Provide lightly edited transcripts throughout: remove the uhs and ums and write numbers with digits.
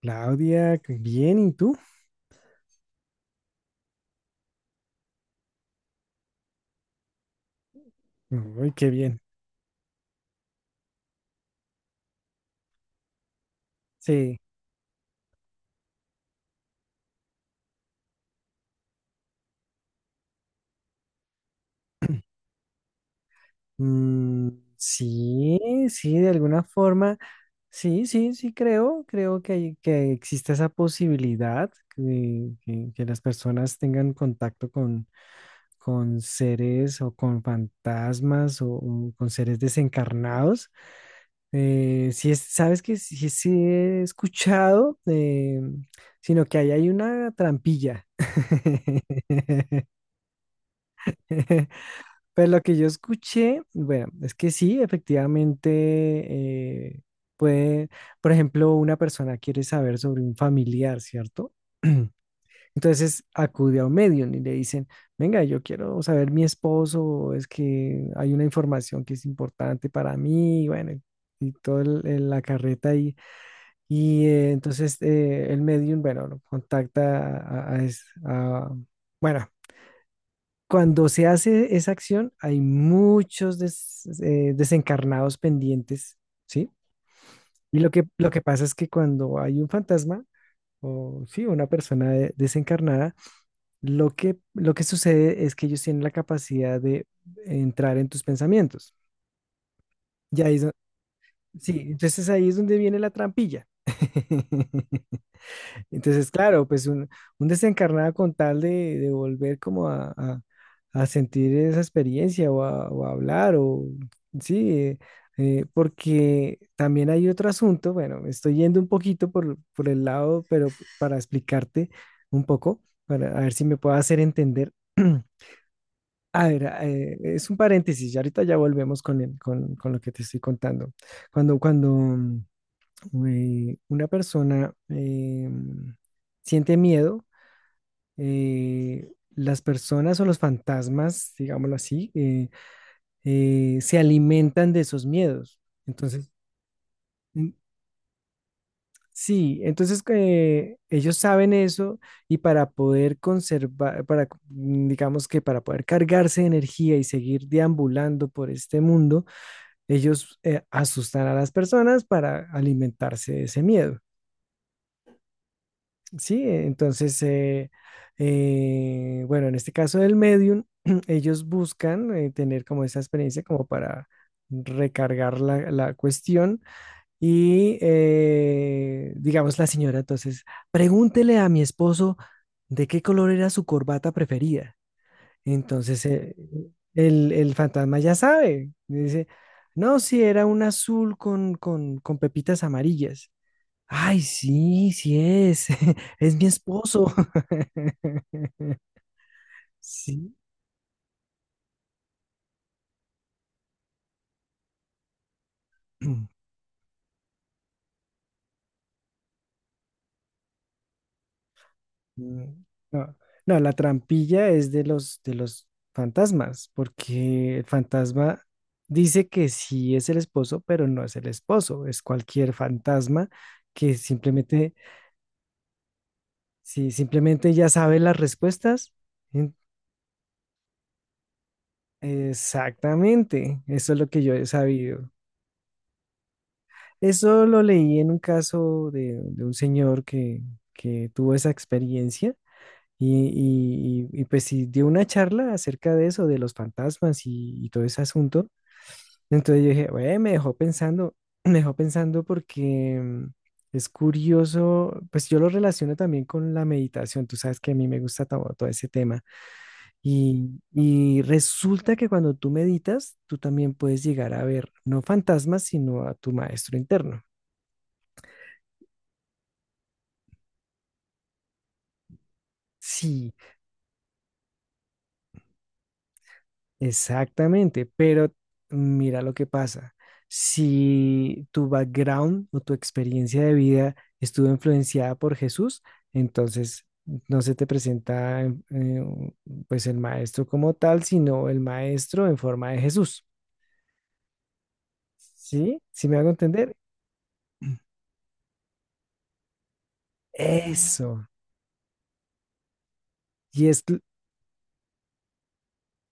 Claudia, qué bien, ¿y tú? Uy, qué bien. Sí. Mm, sí, sí, de alguna forma, sí, sí, sí, creo, que existe esa posibilidad que las personas tengan contacto con seres o con fantasmas o con seres desencarnados. Sí, sabes que sí, sí he escuchado, sino que ahí hay una trampilla. Pero lo que yo escuché, bueno, es que sí, efectivamente, eh, puede, por ejemplo, una persona quiere saber sobre un familiar, ¿cierto? Entonces acude a un medium y le dicen, venga, yo quiero saber mi esposo, es que hay una información que es importante para mí, y bueno, y toda la carreta ahí. Entonces el medium, bueno, lo contacta bueno, cuando se hace esa acción, hay muchos desencarnados pendientes, ¿sí? Y lo que pasa es que cuando hay un fantasma, o sí, una persona desencarnada, lo que sucede es que ellos tienen la capacidad de entrar en tus pensamientos. Y ahí es do- sí, entonces ahí es donde viene la trampilla. Entonces, claro, un desencarnado con tal de volver como a sentir esa experiencia o a hablar o sí, porque también hay otro asunto, bueno, me estoy yendo un poquito por el lado, pero para explicarte un poco, para a ver si me puedo hacer entender. A ver, es un paréntesis, y ahorita ya volvemos con lo que te estoy contando. Cuando una persona siente miedo, las personas o los fantasmas, digámoslo así, se alimentan de esos miedos. Entonces, mm, sí, entonces ellos saben eso y para poder conservar, para, digamos que para poder cargarse de energía y seguir deambulando por este mundo, ellos asustan a las personas para alimentarse de ese miedo. Sí, entonces, bueno, en este caso del medium, ellos buscan tener como esa experiencia como para recargar la cuestión y, digamos, la señora, entonces, pregúntele a mi esposo de qué color era su corbata preferida. Entonces, el fantasma ya sabe, dice, no, si era un azul con pepitas amarillas. Ay, sí, sí es. Es mi esposo. Sí. Mm, no, no, la trampilla es de los fantasmas, porque el fantasma dice que sí es el esposo, pero no es el esposo, es cualquier fantasma que simplemente, sí simplemente ya sabe las respuestas. En- Exactamente, eso es lo que yo he sabido. Eso lo leí en un caso de un señor que tuvo esa experiencia y, y pues sí dio una charla acerca de eso, de los fantasmas y todo ese asunto. Entonces yo dije, "Güey, me dejó pensando, me dejó pensando porque es curioso, pues yo lo relaciono también con la meditación, tú sabes que a mí me gusta todo, todo ese tema y resulta que cuando tú meditas, tú también puedes llegar a ver no fantasmas, sino a tu maestro interno. Sí. Exactamente, pero mira lo que pasa. Si tu background o tu experiencia de vida estuvo influenciada por Jesús, entonces no se te presenta pues el maestro como tal, sino el maestro en forma de Jesús. ¿Sí? ¿Sí me hago entender? Eso. Y es l-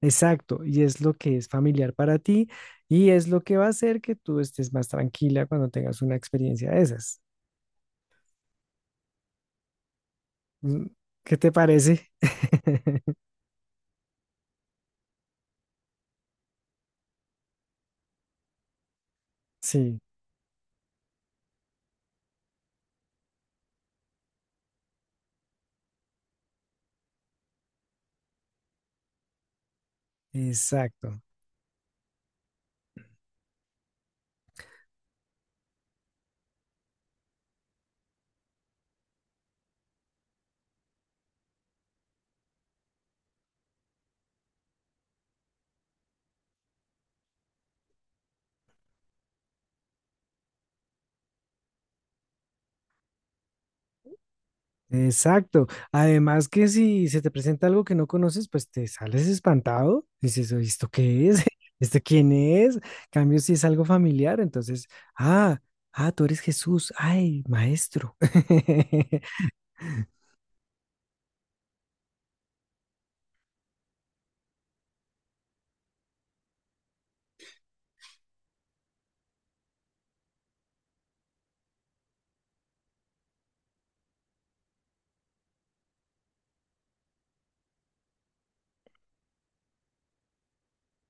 exacto, y es lo que es familiar para ti y es lo que va a hacer que tú estés más tranquila cuando tengas una experiencia de esas. Mm, ¿qué te parece? Sí, exacto, exacto. Además que si se te presenta algo que no conoces, pues te sales espantado. Dices, "Oye, ¿esto qué es? ¿Esto quién es?" En cambio si es algo familiar, entonces, ah, ah, tú eres Jesús, ay, maestro.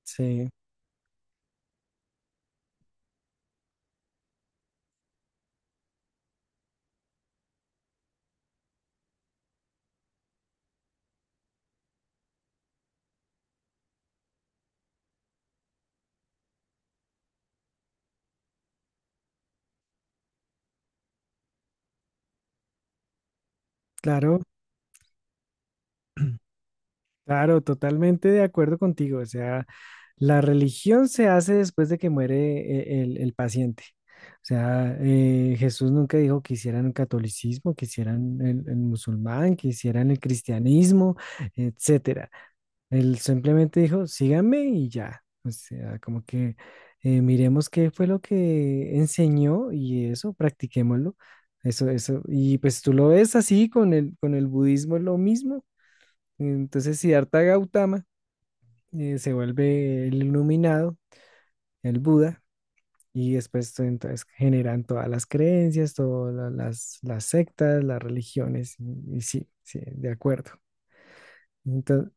Sí, claro, claro, totalmente de acuerdo contigo. O sea, la religión se hace después de que muere el paciente. O sea, Jesús nunca dijo que hicieran el catolicismo, que hicieran el musulmán, que hicieran el cristianismo, etcétera. Él simplemente dijo, síganme y ya. O sea, como que miremos qué fue lo que enseñó y eso, practiquémoslo. Eso, eso. Y pues tú lo ves así con el budismo, es lo mismo. Entonces, si Siddhartha Gautama se vuelve el iluminado, el Buda, y entonces generan todas las creencias, todas las sectas, las religiones, y sí, sí, de acuerdo. Entonces,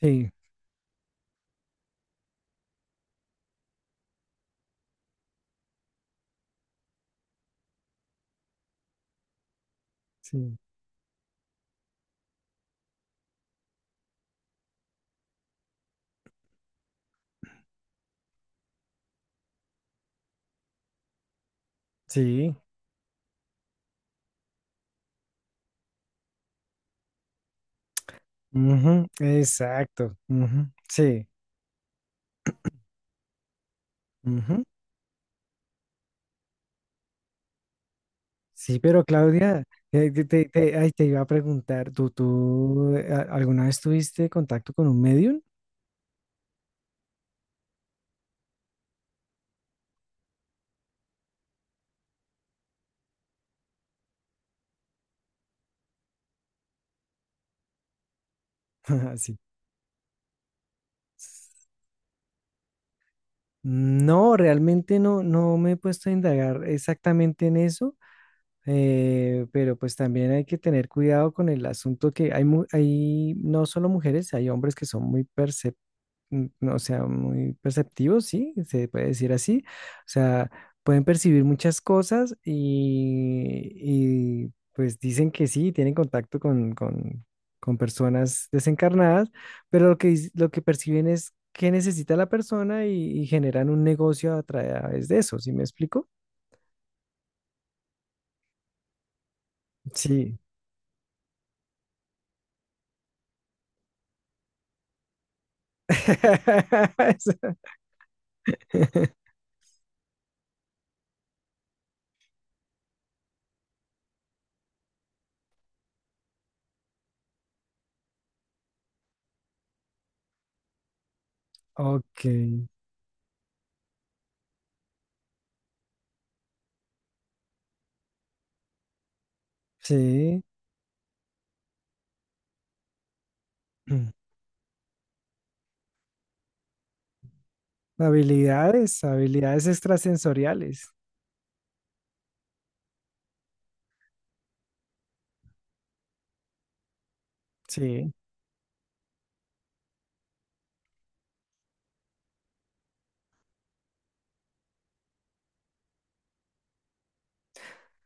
sí, sí, sí, ujú, exacto, ujú. Sí, pero Claudia, que te, ay, te iba a preguntar, ¿tú, tú alguna vez tuviste contacto con un medium? Sí. No, realmente no, no me he puesto a indagar exactamente en eso. Pero pues también hay que tener cuidado con el asunto que hay, hay no solo mujeres, hay hombres que son muy no, o sea, muy perceptivos, sí, se puede decir así. O sea, pueden percibir muchas cosas y, pues dicen que sí, tienen contacto con personas desencarnadas, pero lo que perciben es qué necesita la persona y generan un negocio a través de eso, ¿sí me explico? Sí. Ok, sí. Mm. Habilidades, habilidades extrasensoriales. Sí.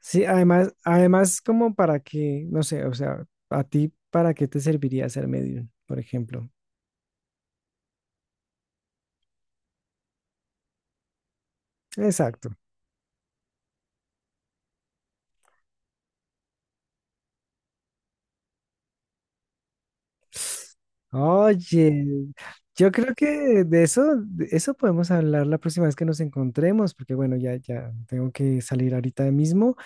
Sí, además, además como para que, no sé, o sea, a ti, ¿para qué te serviría ser medium, por ejemplo? Exacto. Oye, yo creo que de eso podemos hablar la próxima vez que nos encontremos, porque bueno, ya, ya tengo que salir ahorita mismo.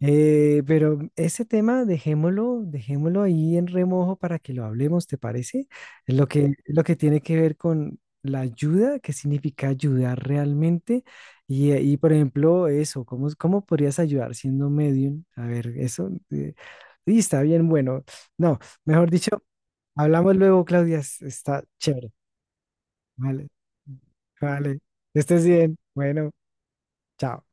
Pero ese tema dejémoslo, dejémoslo ahí en remojo para que lo hablemos, ¿te parece? Lo que tiene que ver con la ayuda, qué significa ayudar realmente. Y, por ejemplo, eso, ¿cómo, cómo podrías ayudar siendo medium? A ver, eso. Y está bien, bueno. No, mejor dicho. Hablamos luego, Claudia. Está chévere. Vale. Vale. Estés bien. Bueno, chao.